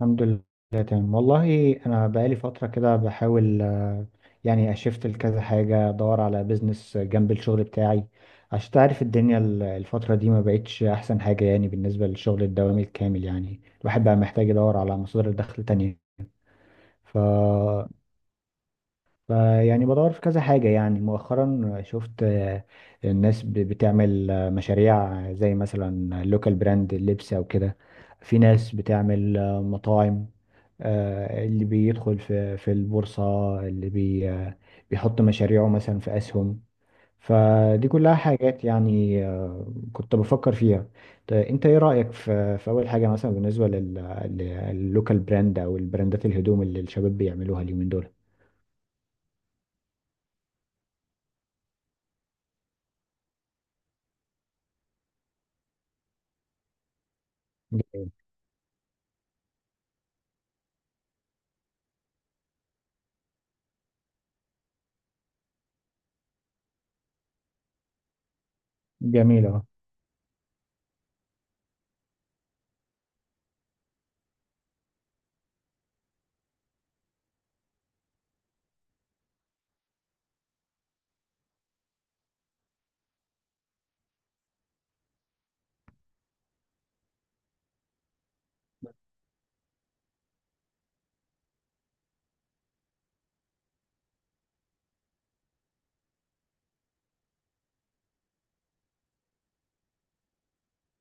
الحمد لله. تمام والله انا بقالي فتره كده بحاول يعني اشفت لكذا حاجه ادور على بيزنس جنب الشغل بتاعي عشان تعرف الدنيا الفتره دي ما بقتش احسن حاجه، يعني بالنسبه للشغل الدوامي الكامل، يعني الواحد بقى محتاج يدور على مصادر دخل تانية. ف... ف يعني بدور في كذا حاجه. يعني مؤخرا شفت الناس بتعمل مشاريع زي مثلا لوكال براند اللبس او كده، في ناس بتعمل مطاعم، اللي بيدخل في البورصة، اللي بي آه، بيحط مشاريعه مثلا في أسهم. فدي كلها حاجات يعني كنت بفكر فيها. طيب انت ايه رأيك في اول حاجة، مثلا بالنسبة لللوكال براند او البراندات، الهدوم اللي الشباب بيعملوها اليومين دول؟ جميل. جميل، اه.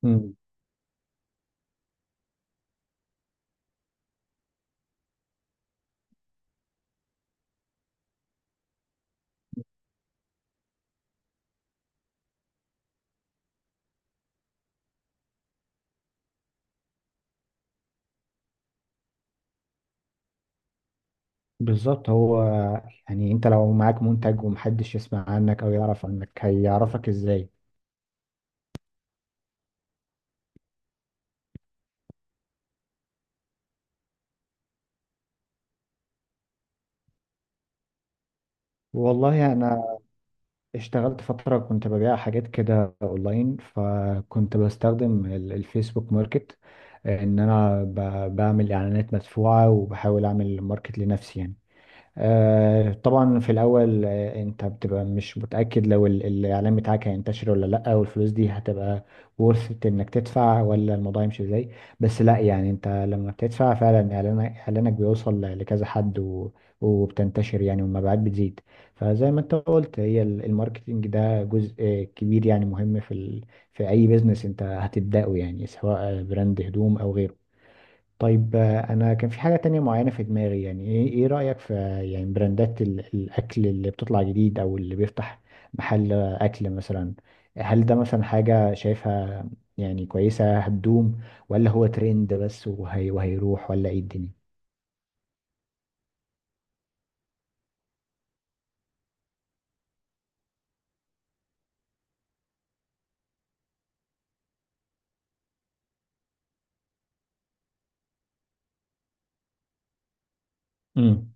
مم. بالظبط، هو يعني انت لو معاك منتج ومحدش يسمع عنك او يعرف عنك، هيعرفك ازاي؟ والله انا اشتغلت فترة كنت ببيع حاجات كده اونلاين، فكنت بستخدم الفيسبوك ماركت، ان انا بعمل اعلانات مدفوعة وبحاول اعمل ماركت لنفسي يعني. طبعا في الاول انت بتبقى مش متاكد لو الاعلان بتاعك هينتشر ولا لا، والفلوس دي هتبقى ورث انك تدفع ولا الموضوع يمشي ازاي. بس لا، يعني انت لما بتدفع فعلا اعلانك بيوصل لكذا حد، وبتنتشر يعني، والمبيعات بتزيد. فزي ما انت قلت، هي الماركتينج ده جزء كبير يعني مهم في في اي بيزنس انت هتبداه، يعني سواء براند هدوم او غيره. طيب، انا كان في حاجة تانية معينة في دماغي، يعني إيه رأيك في يعني براندات الاكل اللي بتطلع جديد او اللي بيفتح محل اكل مثلا؟ هل ده مثلا حاجة شايفها يعني كويسة هتدوم، ولا هو ترند بس وهيروح، ولا ايه الدنيا؟ امم.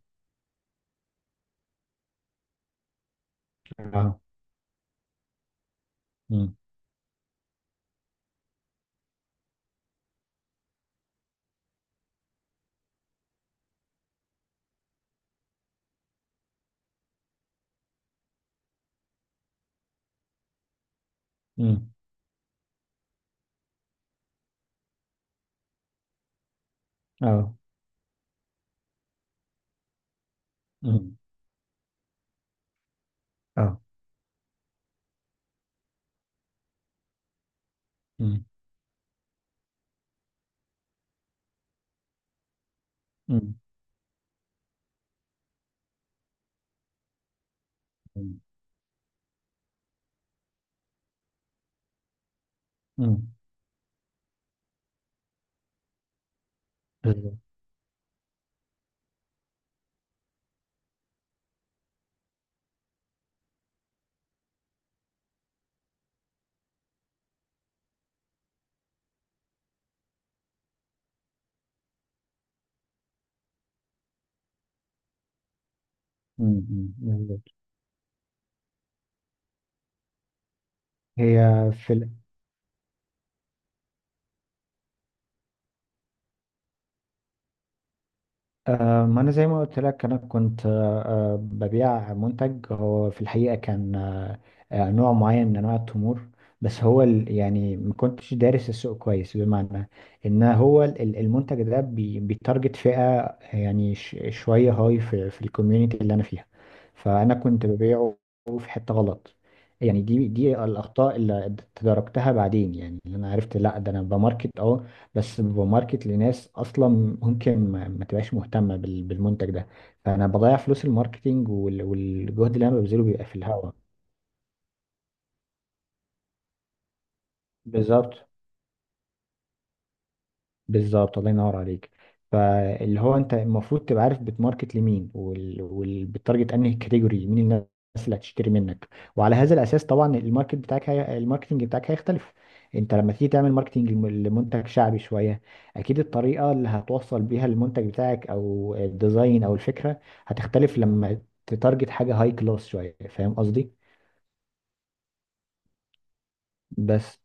اه. امم. امم. اه. امم. اه. امم. امم. امم. بالظبط. أمم، أمم، بالظبط. هي. في. ما أنا زي ما قلت لك، أنا كنت ببيع منتج هو في الحقيقة كان نوع معين من أنواع التمور. بس هو يعني ما كنتش دارس السوق كويس، بمعنى إن هو المنتج ده بيتارجت فئة يعني شوية هاي في الكوميونيتي اللي أنا فيها، فأنا كنت ببيعه في حتة غلط. يعني دي الأخطاء اللي تداركتها بعدين، يعني اللي أنا عرفت، لا ده أنا بماركت أه، بس ببقى ماركت لناس اصلا ممكن ما تبقاش مهتمه بالمنتج ده، فانا بضيع فلوس الماركتينج، والجهد اللي انا ببذله بيبقى في الهوا. بالظبط. بالظبط، الله ينور عليك. فاللي هو انت المفروض تبقى عارف بتماركت لمين، بتارجت انهي كاتيجوري، مين الناس اللي هتشتري منك. وعلى هذا الاساس طبعا الماركتنج بتاعك هيختلف. انت لما تيجي تعمل ماركتنج لمنتج شعبي شويه، اكيد الطريقه اللي هتوصل بيها المنتج بتاعك او الديزاين او الفكره هتختلف لما تتارجت حاجه هاي كلاس شويه. فاهم قصدي؟ بس.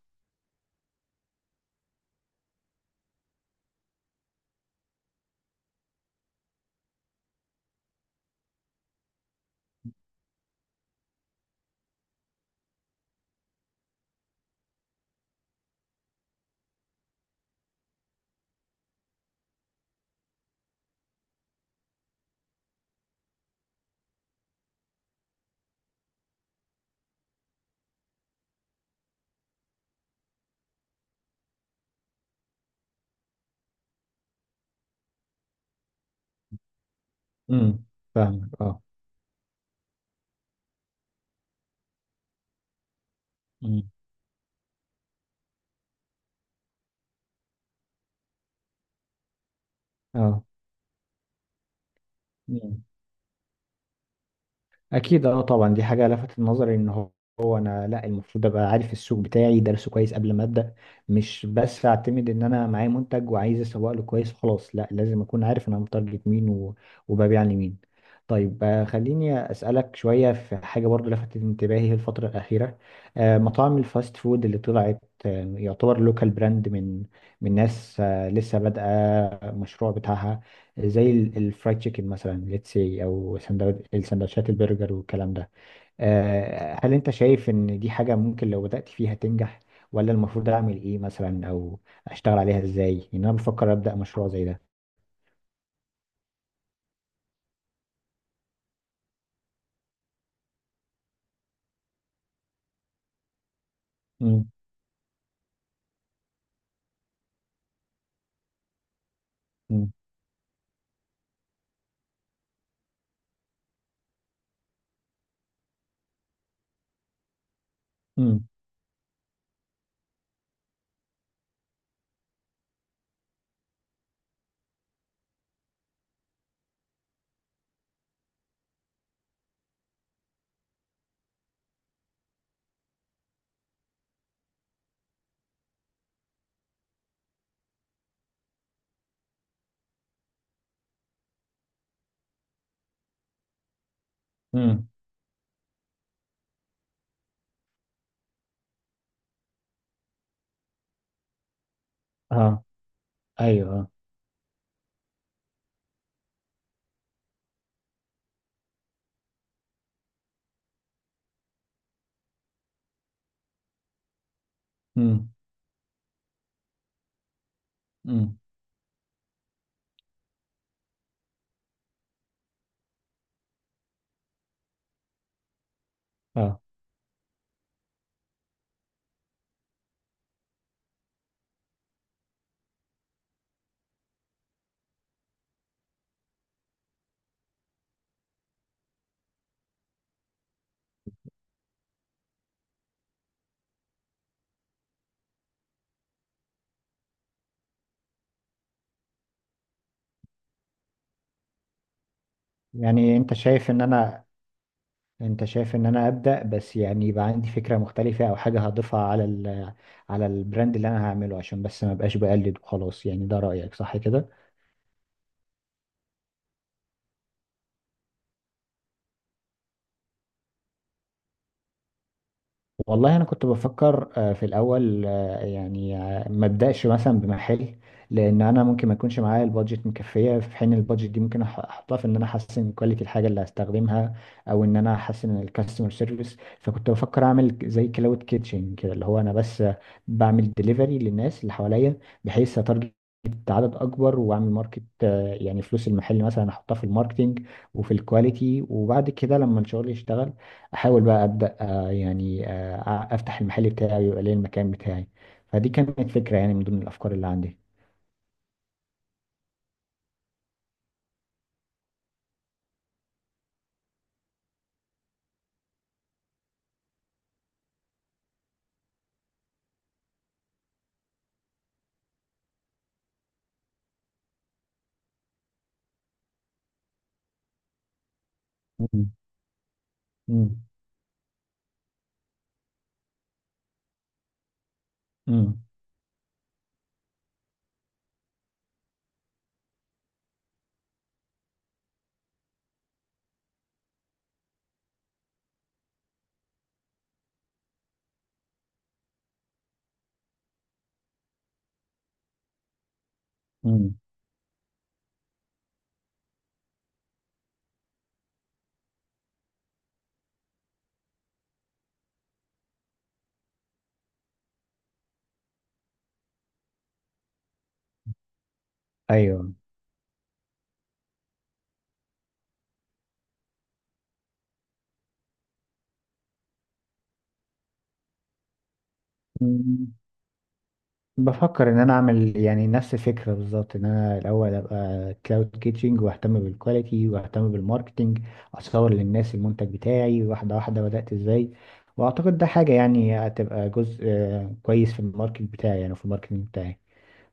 امم. فاهمك، اه. امم. اه. اكيد، اه طبعا. دي حاجه لفتت نظري، ان هو هو انا، لا، المفروض ابقى عارف السوق بتاعي دارسه كويس قبل ما ابدا، مش بس اعتمد ان انا معايا منتج وعايز اسوق له كويس وخلاص. لا، لازم اكون عارف انا متارجت مين وببيع لمين. طيب، خليني اسالك شويه في حاجه برضو لفتت انتباهي الفتره الاخيره. مطاعم الفاست فود اللي طلعت يعتبر لوكال براند من من ناس لسه بادئه المشروع بتاعها، زي الفرايد تشيكن مثلا، ليتس سي، او السندوتشات البرجر والكلام ده. هل انت شايف ان دي حاجة ممكن لو بدأت فيها تنجح، ولا المفروض اعمل ايه مثلا، او اشتغل عليها ازاي؟ ان انا بفكر ابدأ مشروع زي ده. امم. امم. امم. امم. اه. ايوه، اه. امم. امم. اه. يعني انت شايف ان انا، انت شايف ان انا ابدأ بس، يعني يبقى عندي فكرة مختلفة او حاجة هضيفها على على البراند اللي انا هعمله، عشان بس ما بقاش بقلد وخلاص. يعني ده رأيك صح كده؟ والله انا كنت بفكر في الاول يعني ما ابداش مثلا بمحل، لان انا ممكن ما يكونش معايا البادجت مكفيه، في حين البادجت دي ممكن احطها في ان انا احسن كواليتي الحاجه اللي هستخدمها، او ان انا احسن الكاستمر سيرفيس. فكنت بفكر اعمل زي كلاود كيتشن كده، اللي هو انا بس بعمل ديليفري للناس اللي حواليا، بحيث اتارجت عدد اكبر واعمل ماركت، يعني فلوس المحل مثلا احطها في الماركتينج وفي الكواليتي، وبعد كده لما الشغل يشتغل، احاول بقى ابدا، يعني افتح المحل بتاعي ويبقى لي المكان بتاعي. فدي كانت فكرة يعني من ضمن الافكار اللي عندي. مم. مم. مم. مم. ايوه. مم. بفكر ان انا اعمل يعني نفس الفكره بالظبط، ان انا الاول ابقى كلاود كيتشنج واهتم بالكواليتي واهتم بالماركتنج، اصور للناس المنتج بتاعي واحده واحده، بدات ازاي. واعتقد ده حاجه يعني هتبقى جزء كويس في الماركت بتاعي، يعني في الماركتنج بتاعي.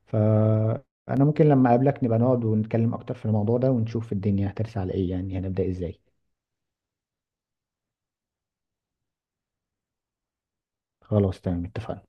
فأنا ممكن لما أقابلك نبقى نقعد ونتكلم أكتر في الموضوع ده، ونشوف الدنيا هترسى على إيه، يعني هنبدأ إزاي. خلاص تمام، اتفقنا.